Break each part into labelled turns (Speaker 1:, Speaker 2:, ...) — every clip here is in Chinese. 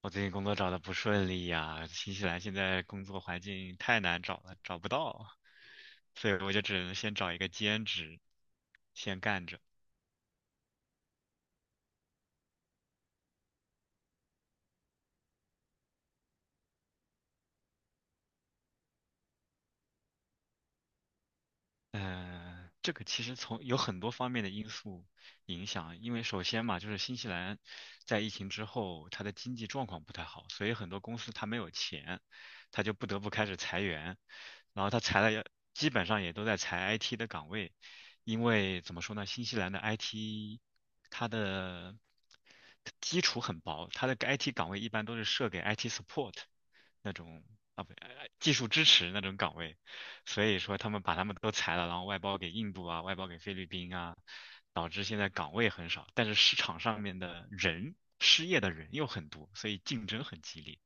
Speaker 1: 我最近工作找的不顺利呀，新西兰现在工作环境太难找了，找不到，所以我就只能先找一个兼职，先干着。这个其实从有很多方面的因素影响，因为首先嘛，就是新西兰在疫情之后，它的经济状况不太好，所以很多公司它没有钱，它就不得不开始裁员，然后它裁了也，基本上也都在裁 IT 的岗位，因为怎么说呢，新西兰的 IT 它的基础很薄，它的 IT 岗位一般都是设给 IT support 那种啊不，技术支持那种岗位。所以说他们把他们都裁了，然后外包给印度啊，外包给菲律宾啊，导致现在岗位很少，但是市场上面的人，失业的人又很多，所以竞争很激烈。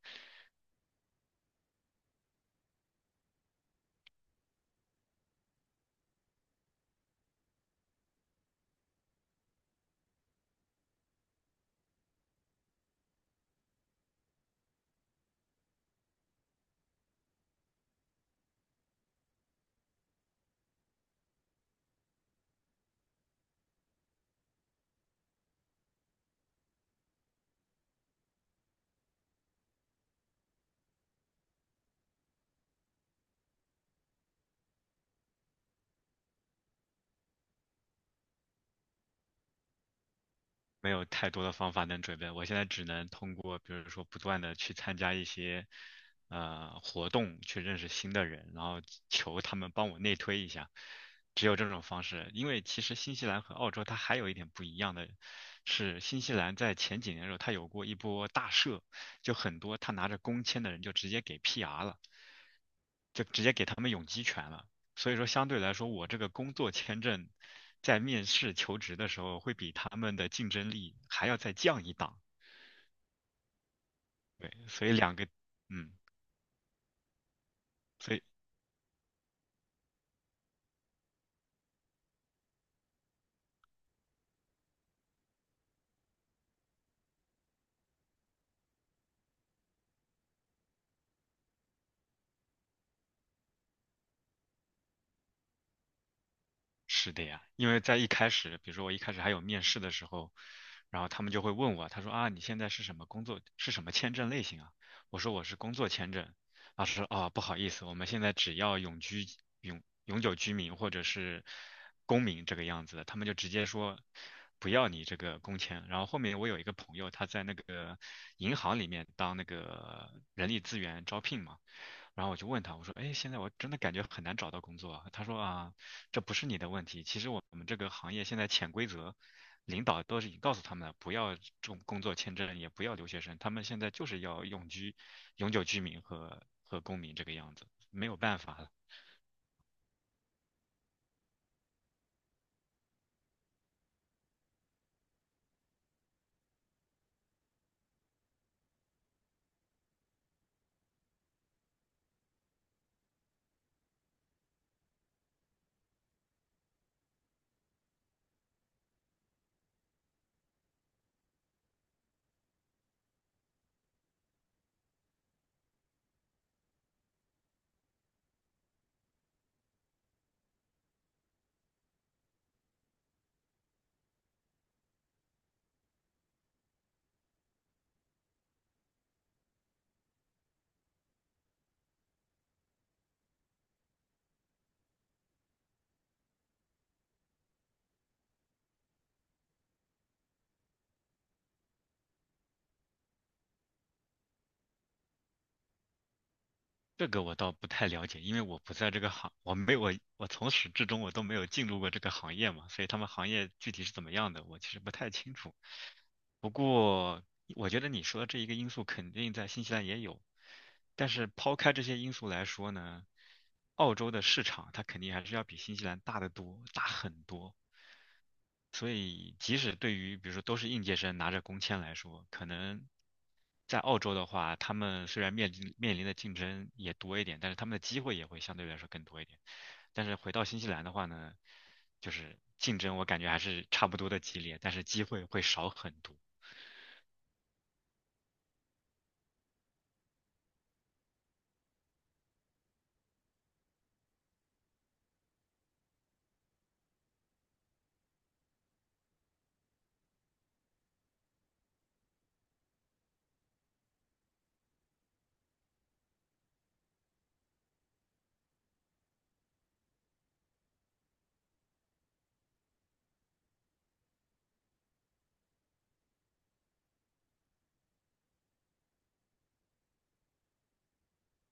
Speaker 1: 没有太多的方法能准备，我现在只能通过，比如说不断的去参加一些活动，去认识新的人，然后求他们帮我内推一下，只有这种方式。因为其实新西兰和澳洲它还有一点不一样的是，新西兰在前几年的时候，它有过一波大赦，就很多他拿着工签的人就直接给 PR 了。就直接给他们永居权了。所以说，相对来说，我这个工作签证在面试求职的时候，会比他们的竞争力还要再降一档。对，所以两个，嗯，所以是的呀，因为在一开始，比如说我一开始还有面试的时候，然后他们就会问我，他说啊，你现在是什么工作，是什么签证类型啊？我说我是工作签证。老师说啊，不好意思，我们现在只要永居、永久居民或者是公民这个样子的，他们就直接说不要你这个工签。然后后面我有一个朋友，他在那个银行里面当那个人力资源招聘嘛。然后我就问他，我说，哎，现在我真的感觉很难找到工作啊。他说啊，这不是你的问题。其实我们这个行业现在潜规则，领导都是已经告诉他们了，不要重工作签证，也不要留学生，他们现在就是要永居、永久居民和公民这个样子，没有办法了。这个我倒不太了解，因为我不在这个行，我没我我从始至终我都没有进入过这个行业嘛，所以他们行业具体是怎么样的，我其实不太清楚。不过我觉得你说的这一个因素肯定在新西兰也有，但是抛开这些因素来说呢，澳洲的市场它肯定还是要比新西兰大得多，大很多。所以即使对于比如说都是应届生拿着工签来说，可能在澳洲的话，他们虽然面临的竞争也多一点，但是他们的机会也会相对来说更多一点。但是回到新西兰的话呢，就是竞争我感觉还是差不多的激烈，但是机会会少很多。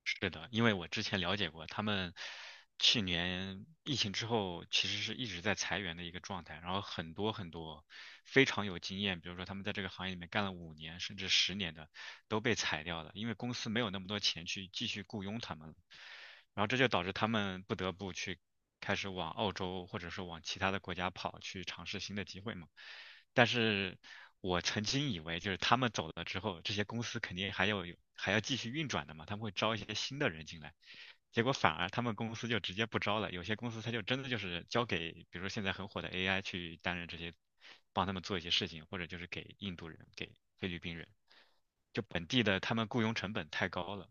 Speaker 1: 是的，因为我之前了解过，他们去年疫情之后，其实是一直在裁员的一个状态，然后很多很多非常有经验，比如说他们在这个行业里面干了5年甚至10年的，都被裁掉了，因为公司没有那么多钱去继续雇佣他们了。然后这就导致他们不得不去开始往澳洲或者说往其他的国家跑，去尝试新的机会嘛。但是我曾经以为，就是他们走了之后，这些公司肯定还要有还要继续运转的嘛，他们会招一些新的人进来。结果反而他们公司就直接不招了，有些公司他就真的就是交给，比如说现在很火的 AI 去担任这些，帮他们做一些事情，或者就是给印度人、给菲律宾人，就本地的他们雇佣成本太高了。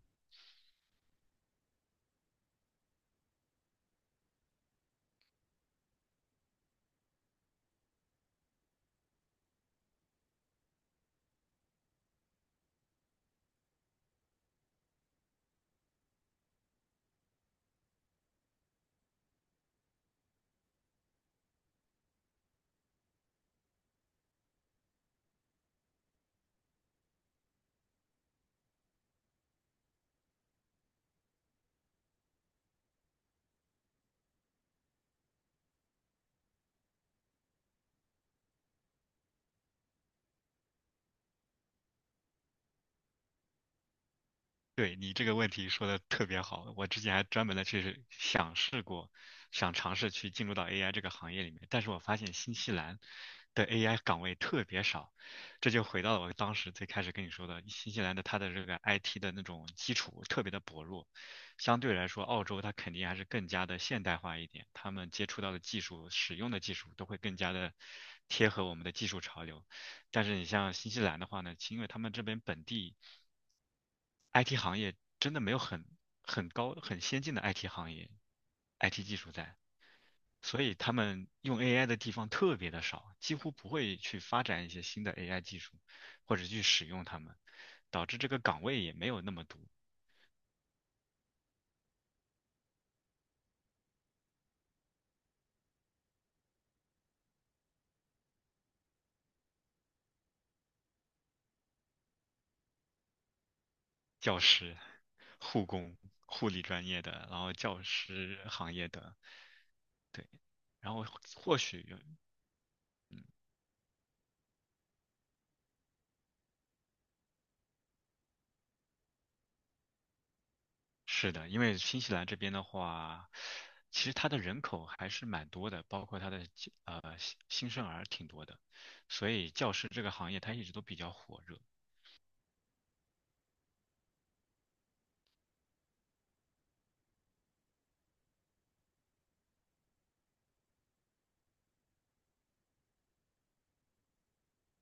Speaker 1: 对你这个问题说的特别好，我之前还专门的去想试过，想尝试去进入到 AI 这个行业里面，但是我发现新西兰的 AI 岗位特别少，这就回到了我当时最开始跟你说的，新西兰的它的这个 IT 的那种基础特别的薄弱，相对来说，澳洲它肯定还是更加的现代化一点，他们接触到的技术、使用的技术都会更加的贴合我们的技术潮流，但是你像新西兰的话呢，其因为他们这边本地。IT 行业真的没有很高很先进的 IT 行业，IT 技术在，所以他们用 AI 的地方特别的少，几乎不会去发展一些新的 AI 技术，或者去使用它们，导致这个岗位也没有那么多，教师、护工、护理专业的，然后教师行业的，对，然后或许是的，因为新西兰这边的话，其实它的人口还是蛮多的，包括它的新生儿挺多的，所以教师这个行业它一直都比较火热。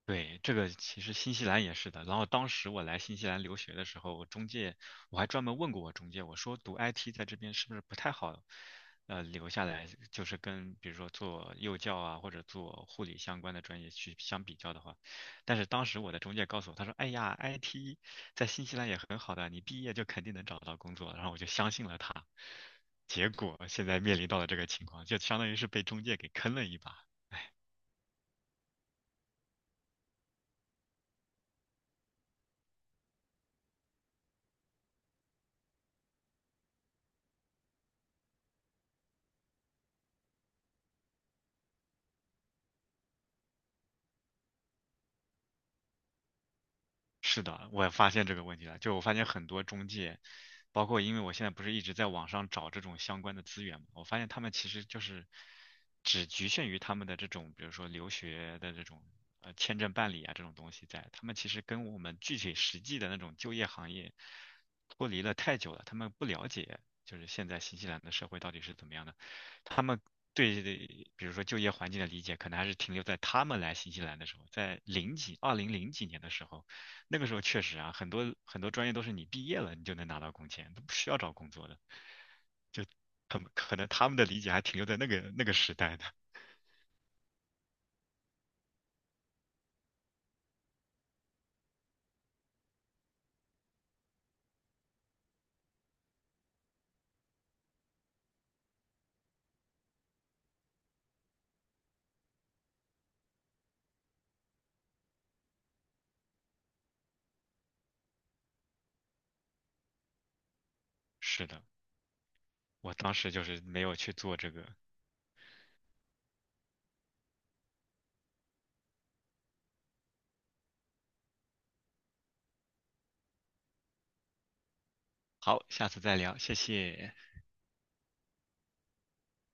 Speaker 1: 对，这个其实新西兰也是的。然后当时我来新西兰留学的时候，我中介我还专门问过我中介，我说读 IT 在这边是不是不太好，呃，留下来就是跟比如说做幼教啊或者做护理相关的专业去相比较的话，但是当时我的中介告诉我，他说，哎呀，IT 在新西兰也很好的，你毕业就肯定能找到工作。然后我就相信了他，结果现在面临到了这个情况，就相当于是被中介给坑了一把。是的，我也发现这个问题了。就我发现很多中介，包括因为我现在不是一直在网上找这种相关的资源嘛，我发现他们其实就是只局限于他们的这种，比如说留学的这种签证办理啊这种东西在，他们其实跟我们具体实际的那种就业行业脱离了太久了，他们不了解就是现在新西兰的社会到底是怎么样的，他们。对，比如说就业环境的理解，可能还是停留在他们来新西兰的时候，在零几、200几年的时候，那个时候确实啊，很多很多专业都是你毕业了你就能拿到工签，都不需要找工作的。可能他们的理解还停留在那个时代的。是的，我当时就是没有去做这个。好，下次再聊，谢谢。